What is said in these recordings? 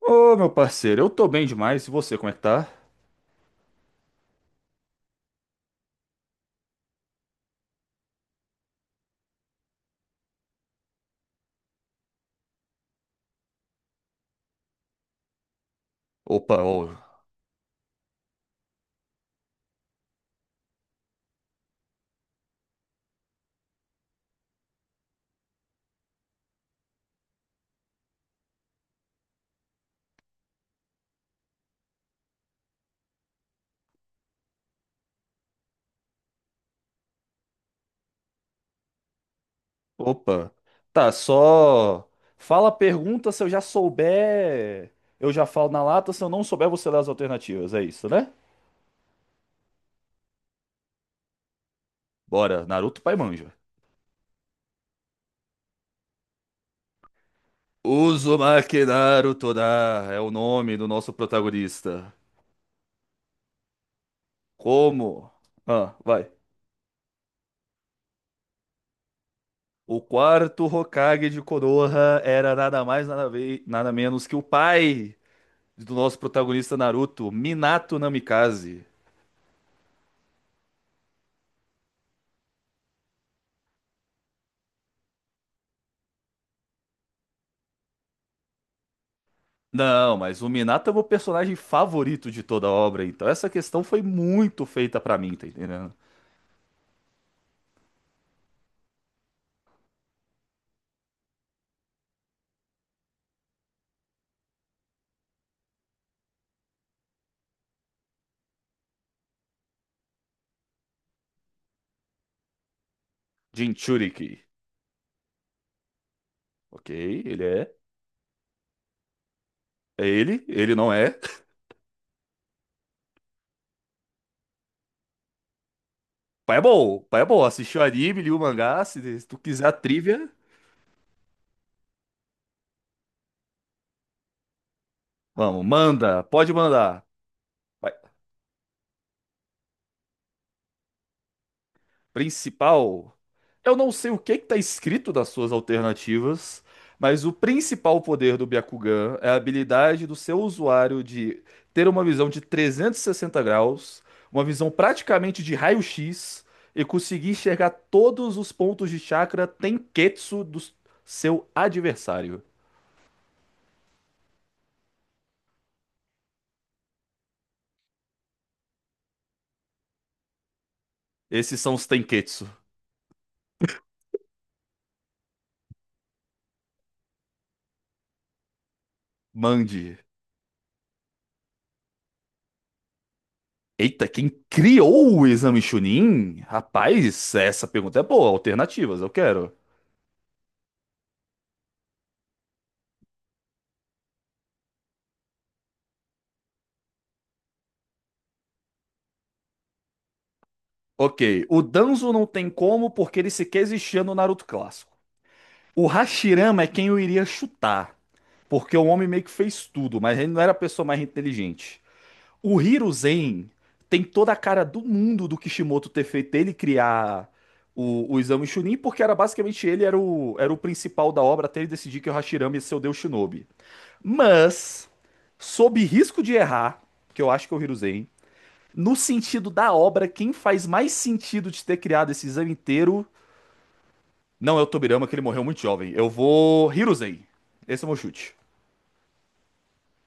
Ô, meu parceiro, eu tô bem demais. E você, como é que tá? Opa, ô, opa. Tá, só fala a pergunta. Se eu já souber, eu já falo na lata. Se eu não souber, você dá as alternativas. É isso, né? Bora, Naruto Pai Manja. Uzumaki Naruto da é o nome do nosso protagonista. Como? Ah, vai. O quarto Hokage de Konoha era nada mais, nada, nada menos que o pai do nosso protagonista Naruto, Minato Namikaze. Não, mas o Minato é o meu personagem favorito de toda a obra, então essa questão foi muito feita pra mim, tá entendendo? Jinchuriki. Ok, ele é. É ele, ele não é. Pai é bom, pai é bom. Assistiu o anime, li o mangá, se tu quiser a trivia, vamos, manda, pode mandar. Principal. Eu não sei o que que tá escrito nas suas alternativas, mas o principal poder do Byakugan é a habilidade do seu usuário de ter uma visão de 360 graus, uma visão praticamente de raio-x e conseguir enxergar todos os pontos de chakra Tenketsu do seu adversário. Esses são os Tenketsu. Mande. Eita, quem criou o exame Chunin? Rapaz, essa pergunta é boa. Alternativas, eu quero. Ok, o Danzo não tem como porque ele sequer existia no Naruto clássico. O Hashirama é quem eu iria chutar, porque o homem meio que fez tudo, mas ele não era a pessoa mais inteligente. O Hiruzen tem toda a cara do mundo do Kishimoto ter feito ele criar o Exame Chunin, porque era basicamente ele era o principal da obra até ele decidir que o Hashirama ia ser o Deus Shinobi. Mas, sob risco de errar, que eu acho que é o Hiruzen, no sentido da obra, quem faz mais sentido de ter criado esse exame inteiro não é o Tobirama, que ele morreu muito jovem. Eu vou Hiruzei. Esse é o meu chute.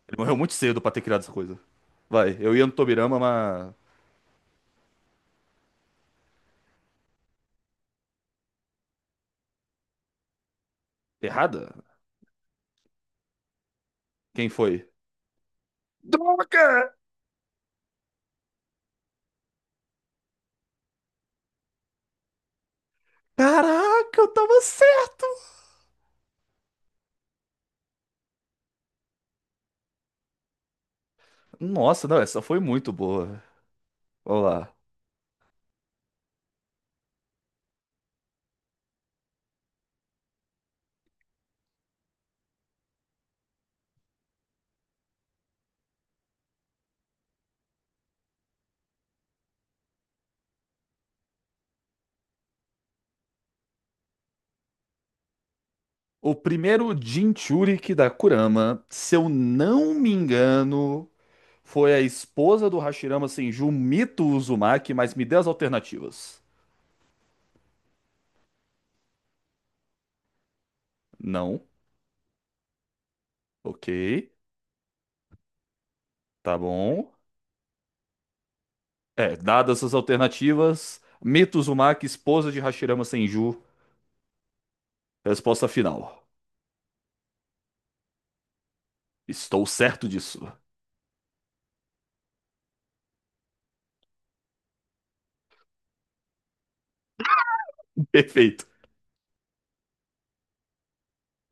Ele morreu muito cedo pra ter criado essa coisa. Vai, eu ia no Tobirama, mas. Errada? Quem foi? Droga! Caraca, eu tava certo! Nossa, não, essa foi muito boa. Vamos lá. O primeiro Jinchuriki da Kurama, se eu não me engano, foi a esposa do Hashirama Senju, Mito Uzumaki, mas me dê as alternativas. Não. Ok. Tá bom. É, dadas as alternativas, Mito Uzumaki, esposa de Hashirama Senju. Resposta final. Estou certo disso. Perfeito.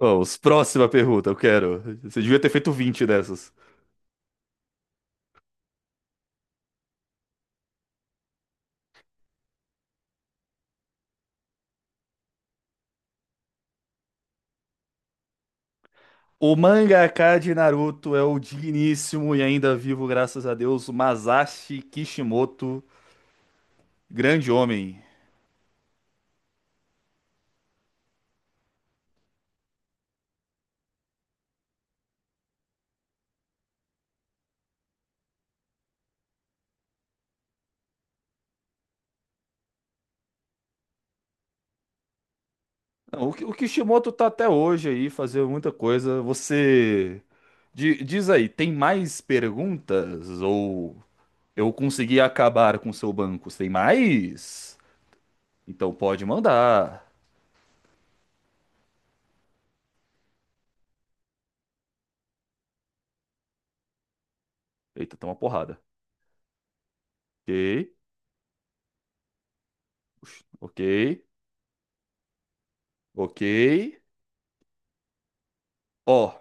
Vamos, próxima pergunta, eu quero. Você devia ter feito 20 dessas. O mangaka de Naruto é o digníssimo e ainda vivo, graças a Deus, Masashi Kishimoto, grande homem. Não, o Kishimoto tá até hoje aí fazendo muita coisa. Você diz aí, tem mais perguntas? Ou eu consegui acabar com seu banco? Tem mais? Então pode mandar. Eita, tem uma porrada. Ok, ok, ok. Ó,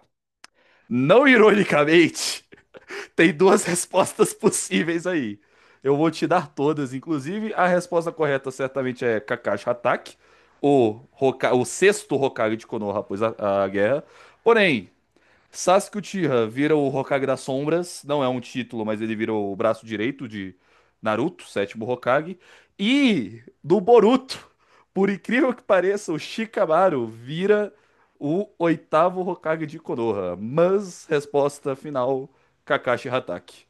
não ironicamente. Tem duas respostas possíveis aí. Eu vou te dar todas, inclusive a resposta correta certamente é Kakashi Hatake, o sexto Hokage de Konoha após a guerra. Porém, Sasuke Uchiha vira o Hokage das Sombras, não é um título, mas ele vira o braço direito de Naruto, sétimo Hokage. E do Boruto, por incrível que pareça, o Shikamaru vira o oitavo Hokage de Konoha. Mas resposta final, Kakashi Hatake.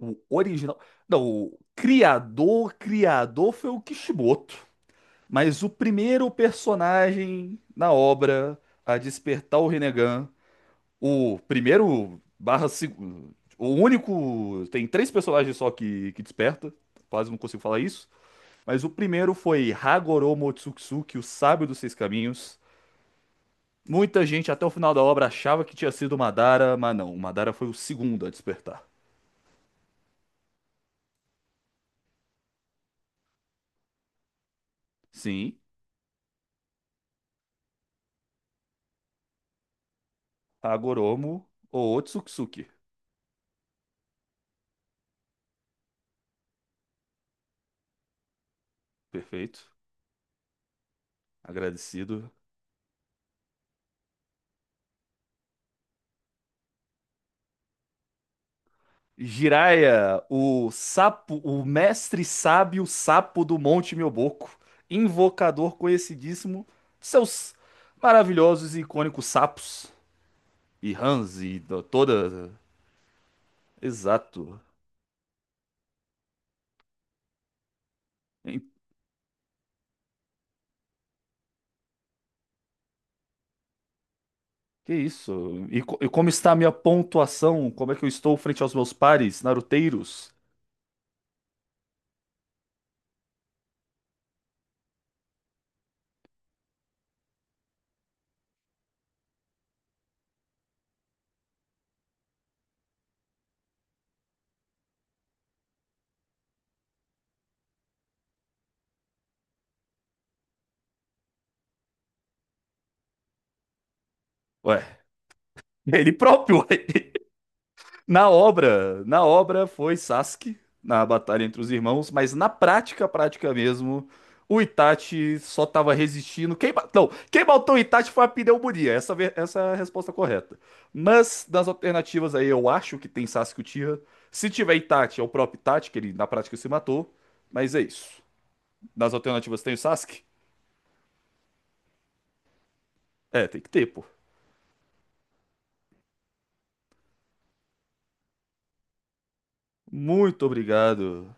O original, não, o criador, criador foi o Kishimoto, mas o primeiro personagem na obra a despertar o Rinnegan. O primeiro barra segundo. O único. Tem três personagens só que desperta. Quase não consigo falar isso. Mas o primeiro foi Hagoro Motsutsuki, o sábio dos seis caminhos. Muita gente até o final da obra achava que tinha sido o Madara, mas não. O Madara foi o segundo a despertar. Sim, Hagoromo ou Otsutsuki. Perfeito. Agradecido. Jiraiya, o sapo, o mestre sábio sapo do Monte Mioboco, invocador conhecidíssimo, seus maravilhosos e icônicos sapos e Hans e toda. Exato. Em- Que isso? E como está a minha pontuação? Como é que eu estou frente aos meus pares naruteiros? Ué, ele próprio, ué. Na obra foi Sasuke na batalha entre os irmãos, mas na prática, prática mesmo, o Itachi só tava resistindo. Não, quem matou o Itachi foi a pneumonia. Essa é a resposta correta. Mas das alternativas aí, eu acho que tem Sasuke Uchiha. Se tiver Itachi, é o próprio Itachi, que ele na prática se matou. Mas é isso. Nas alternativas tem o Sasuke? É, tem que ter, pô. Muito obrigado.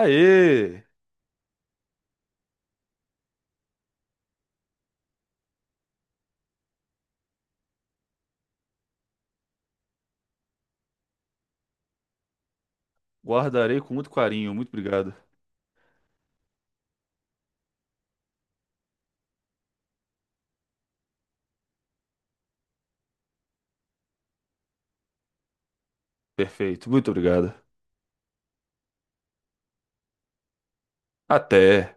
Aê! Guardarei com muito carinho. Muito obrigado. Perfeito. Muito obrigado. Até.